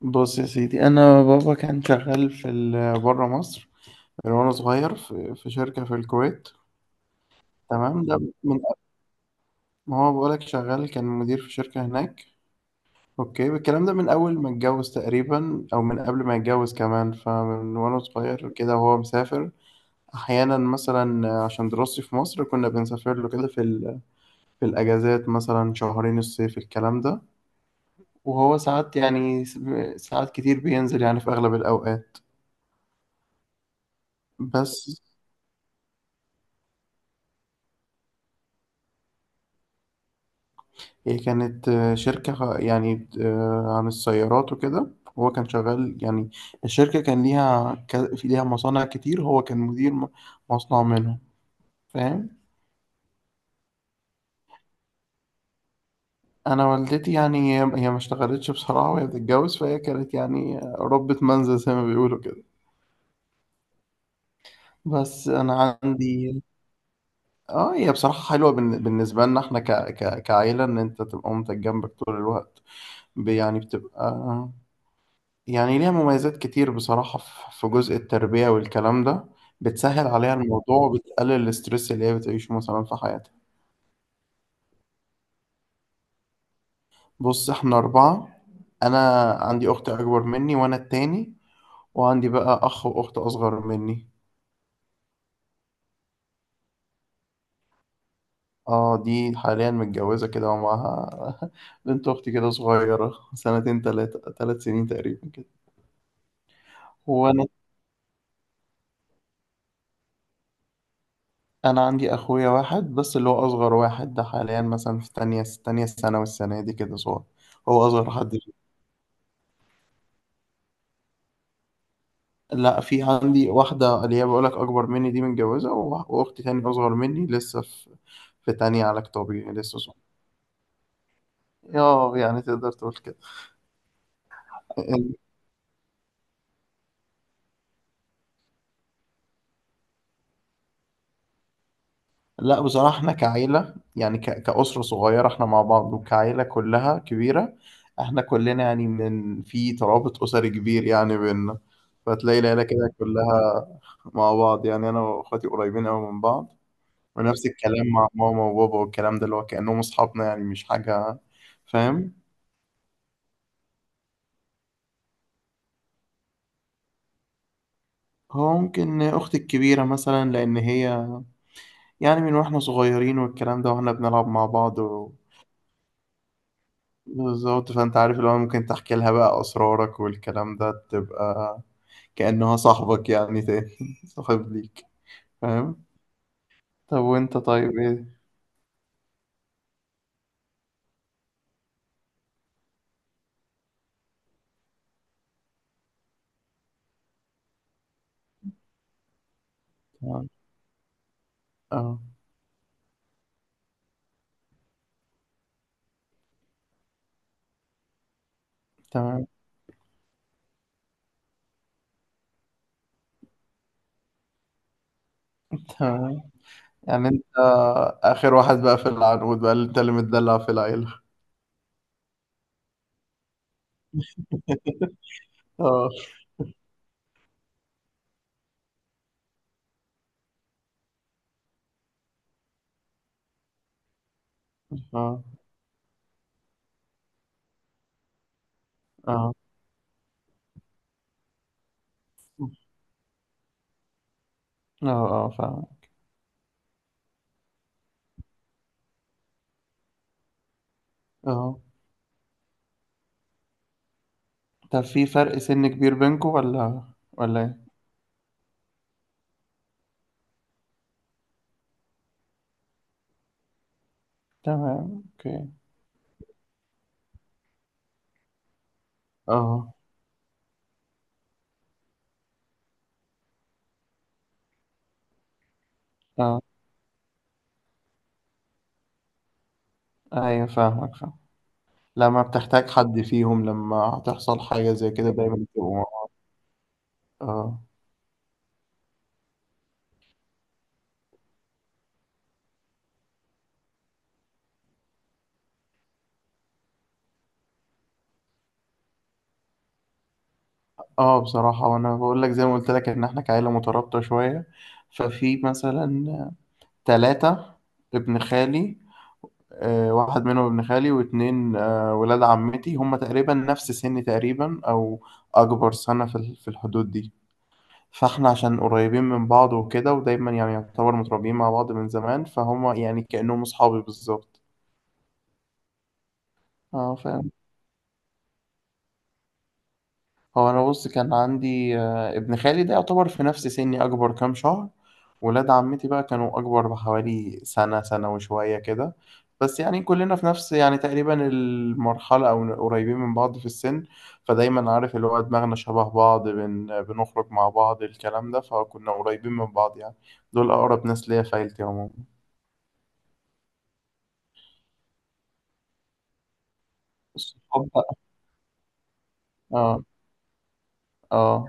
بص يا سيدي، انا بابا كان شغال بره مصر من وانا صغير في شركه في الكويت. تمام ده من ما هو بقولك شغال كان مدير في شركه هناك. اوكي الكلام ده من اول ما اتجوز تقريبا او من قبل ما يتجوز كمان، فمن وانا صغير كده وهو مسافر. احيانا مثلا عشان دراستي في مصر كنا بنسافر له كده في الاجازات مثلا شهرين الصيف الكلام ده. وهو ساعات يعني ساعات كتير بينزل يعني في اغلب الاوقات. بس هي كانت شركة يعني عن السيارات وكده. هو كان شغال يعني الشركة كان ليها في ليها مصانع كتير، هو كان مدير مصنع منهم. فاهم. أنا والدتي يعني هي ما اشتغلتش بصراحة وهي بتتجوز، فهي كانت يعني ربة منزل زي ما بيقولوا كده. بس أنا عندي، اه هي بصراحة حلوة بالنسبة لنا احنا كعيلة ان انت تبقى مامتك جنبك طول الوقت. يعني بتبقى، يعني ليها مميزات كتير بصراحة في جزء التربية والكلام ده. بتسهل عليها الموضوع وبتقلل الاسترس اللي هي بتعيشه مثلا في حياتها. بص احنا أربعة. أنا عندي أخت أكبر مني وأنا التاني، وعندي بقى أخ وأخت أصغر مني. اه دي حاليا متجوزة كده ومعاها بنت أختي كده صغيرة سنتين تلاتة تلات سنين تقريبا كده. وأنا، أنا عندي أخويا واحد بس اللي هو أصغر واحد، ده حاليا مثلا في تانية ثانوي السنة دي كده صغير، هو أصغر حد. لا في عندي واحدة اللي هي بقولك أكبر مني دي متجوزة، وأختي تاني أصغر مني لسه في في تانية علاج طبيعي لسه صغيرة. اه يعني تقدر تقول كده. لا بصراحة احنا كعيلة يعني كأسرة صغيرة احنا مع بعض، وكعيلة كلها كبيرة احنا كلنا يعني من في ترابط أسري كبير يعني بينا. فتلاقي العيلة كده كلها مع بعض، يعني أنا وأخواتي قريبين أوي من بعض. ونفس الكلام مع ماما وبابا والكلام ده، اللي هو كأنهم أصحابنا يعني، مش حاجة. فاهم. هو ممكن أختي الكبيرة مثلا، لأن هي يعني من واحنا صغيرين والكلام ده واحنا بنلعب مع بعض بالظبط. فأنت عارف اللي هو ممكن تحكي لها بقى أسرارك والكلام ده، تبقى كأنها صاحبك يعني، تاني صاحب ليك. فاهم؟ طب وأنت طيب إيه؟ تمام. أه. تمام. تمام. يعني أنت آخر واحد بقى في العنقود بقى، اللي أنت اللي متدلع في العيلة. أه. أه. أه. أه. أه فاهم. أه. طب في فرق سن كبير بينكم ولا؟ ولا؟ تمام اوكي. اه. اه. ايوه فاهمك، فاهم. لما بتحتاج حد فيهم، لما هتحصل حاجة زي كده دايما بتبقوا مع. اه. اه بصراحة وانا بقول لك زي ما قلت لك ان احنا كعيلة مترابطة شوية. ففي مثلا ثلاثة، ابن خالي، واحد منهم ابن خالي، واتنين ولاد عمتي، هم تقريبا نفس سني تقريبا او اكبر سنة في الحدود دي. فاحنا عشان قريبين من بعض وكده، ودايما يعني يعتبر متربيين مع بعض من زمان، فهم يعني كأنهم أصحابي بالظبط. اه فاهم. هو أنا بص كان عندي ابن خالي ده يعتبر في نفس سني أكبر كام شهر. ولاد عمتي بقى كانوا أكبر بحوالي سنة سنة وشوية كده. بس يعني كلنا في نفس يعني تقريبا المرحلة أو قريبين من بعض في السن. فدايما عارف اللي هو دماغنا شبه بعض، بنخرج مع بعض الكلام ده، فكنا قريبين من بعض يعني. دول أقرب ناس ليا في عيلتي عموما. الصحاب بقى. اه. اه.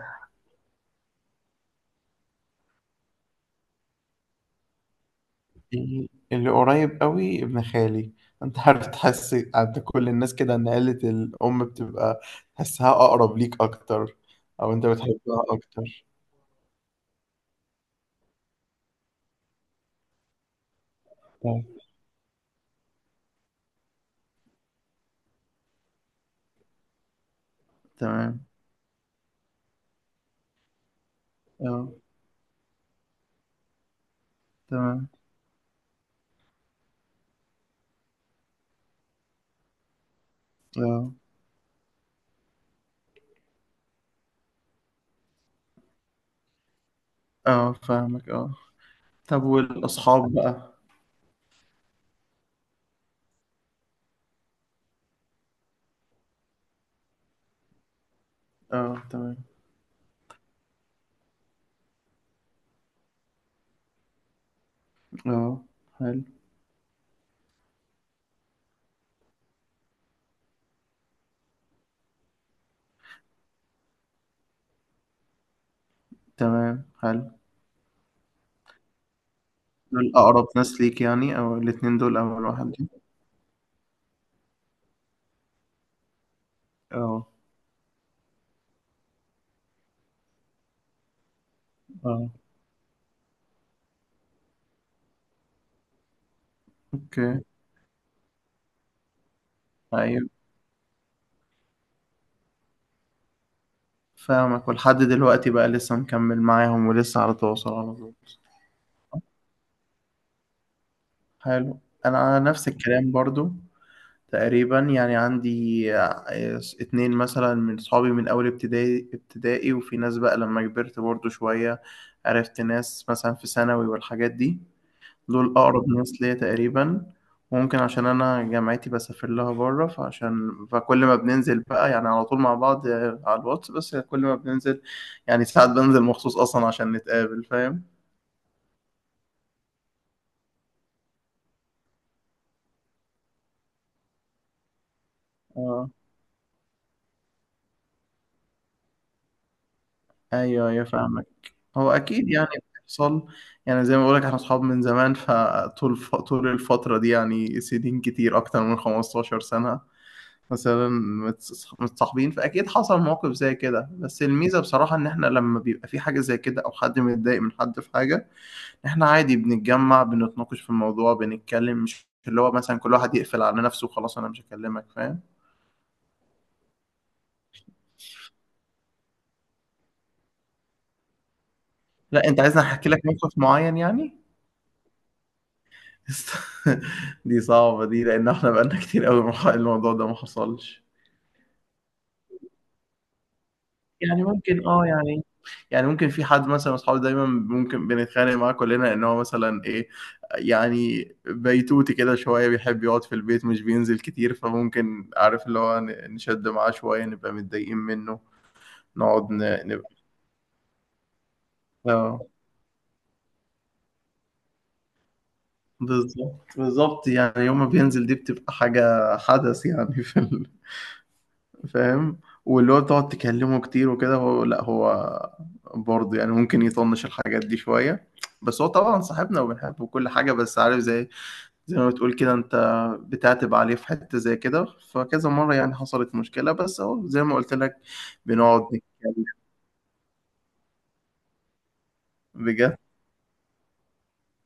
في اللي قريب قوي ابن خالي. انت عارف تحس عند كل الناس كده ان عيلة الأم بتبقى تحسها أقرب ليك أكتر، أو أنت بتحبها أكتر. طيب. تمام. اه. تمام. اه. اه فاهمك. اه. طب والأصحاب بقى. اه. تمام. اه. حلو. تمام. حلو. دول أقرب ناس ليك يعني، أو الاتنين دول أول واحد. اه. اه. اوكي. ايوه فاهمك. ولحد دلوقتي بقى لسه مكمل معاهم ولسه على تواصل على طول. حلو. انا نفس الكلام برضو تقريبا، يعني عندي آه، اتنين مثلا من صحابي من اول ابتدائي، وفي ناس بقى لما كبرت برضو شوية عرفت ناس مثلا في ثانوي والحاجات دي. دول أقرب ناس ليا تقريبا. وممكن عشان أنا جامعتي بسافر لها بره، فعشان فكل ما بننزل بقى يعني على طول مع بعض على الواتس، بس كل ما بننزل يعني ساعات بنزل مخصوص أصلا عشان نتقابل. فاهم؟ اه. أيوه أيوه فاهمك. هو أكيد يعني بيحصل. يعني زي ما بقولك احنا أصحاب من زمان، فطول طول الفترة دي يعني سنين كتير أكتر من 15 سنة مثلا متصاحبين، فاكيد حصل مواقف زي كده. بس الميزه بصراحه ان احنا لما بيبقى في حاجه زي كده او حد متضايق من حد في حاجه، احنا عادي بنتجمع، بنتناقش في الموضوع، بنتكلم، مش اللي هو مثلا كل واحد يقفل على نفسه وخلاص انا مش هكلمك. فاهم. لا انت عايزني احكي لك موقف معين يعني. دي صعبة دي لأن احنا بقالنا كتير قوي الموضوع ده ما حصلش. يعني ممكن، اه يعني، يعني ممكن في حد مثلا من اصحابي دايما ممكن بنتخانق معاه كلنا ان هو مثلا ايه، يعني بيتوتي كده شويه، بيحب يقعد في البيت مش بينزل كتير. فممكن عارف اللي هو نشد معاه شويه، نبقى متضايقين منه، نقعد نبقى، اه بالظبط بالظبط. يعني يوم ما بينزل دي بتبقى حاجه حدث يعني فاهم. واللي هو تقعد تكلمه كتير وكده، هو لا هو برضه يعني ممكن يطنش الحاجات دي شويه. بس هو طبعا صاحبنا وبنحبه وكل حاجه، بس عارف زي زي ما بتقول كده انت، بتعتب عليه في حتة زي كده. فكذا مرة يعني حصلت مشكلة، بس اهو زي ما قلت لك بنقعد نتكلم. بجد.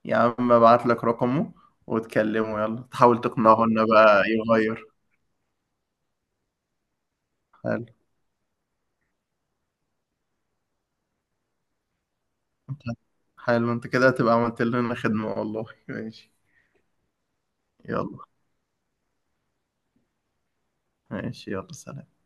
يا عم ابعت لك رقمه وتكلمه، يلا تحاول تقنعه انه بقى يغير. حلو. حلو انت كده هتبقى عملت لنا خدمة والله. ماشي. يلا. ماشي. يلا سلام.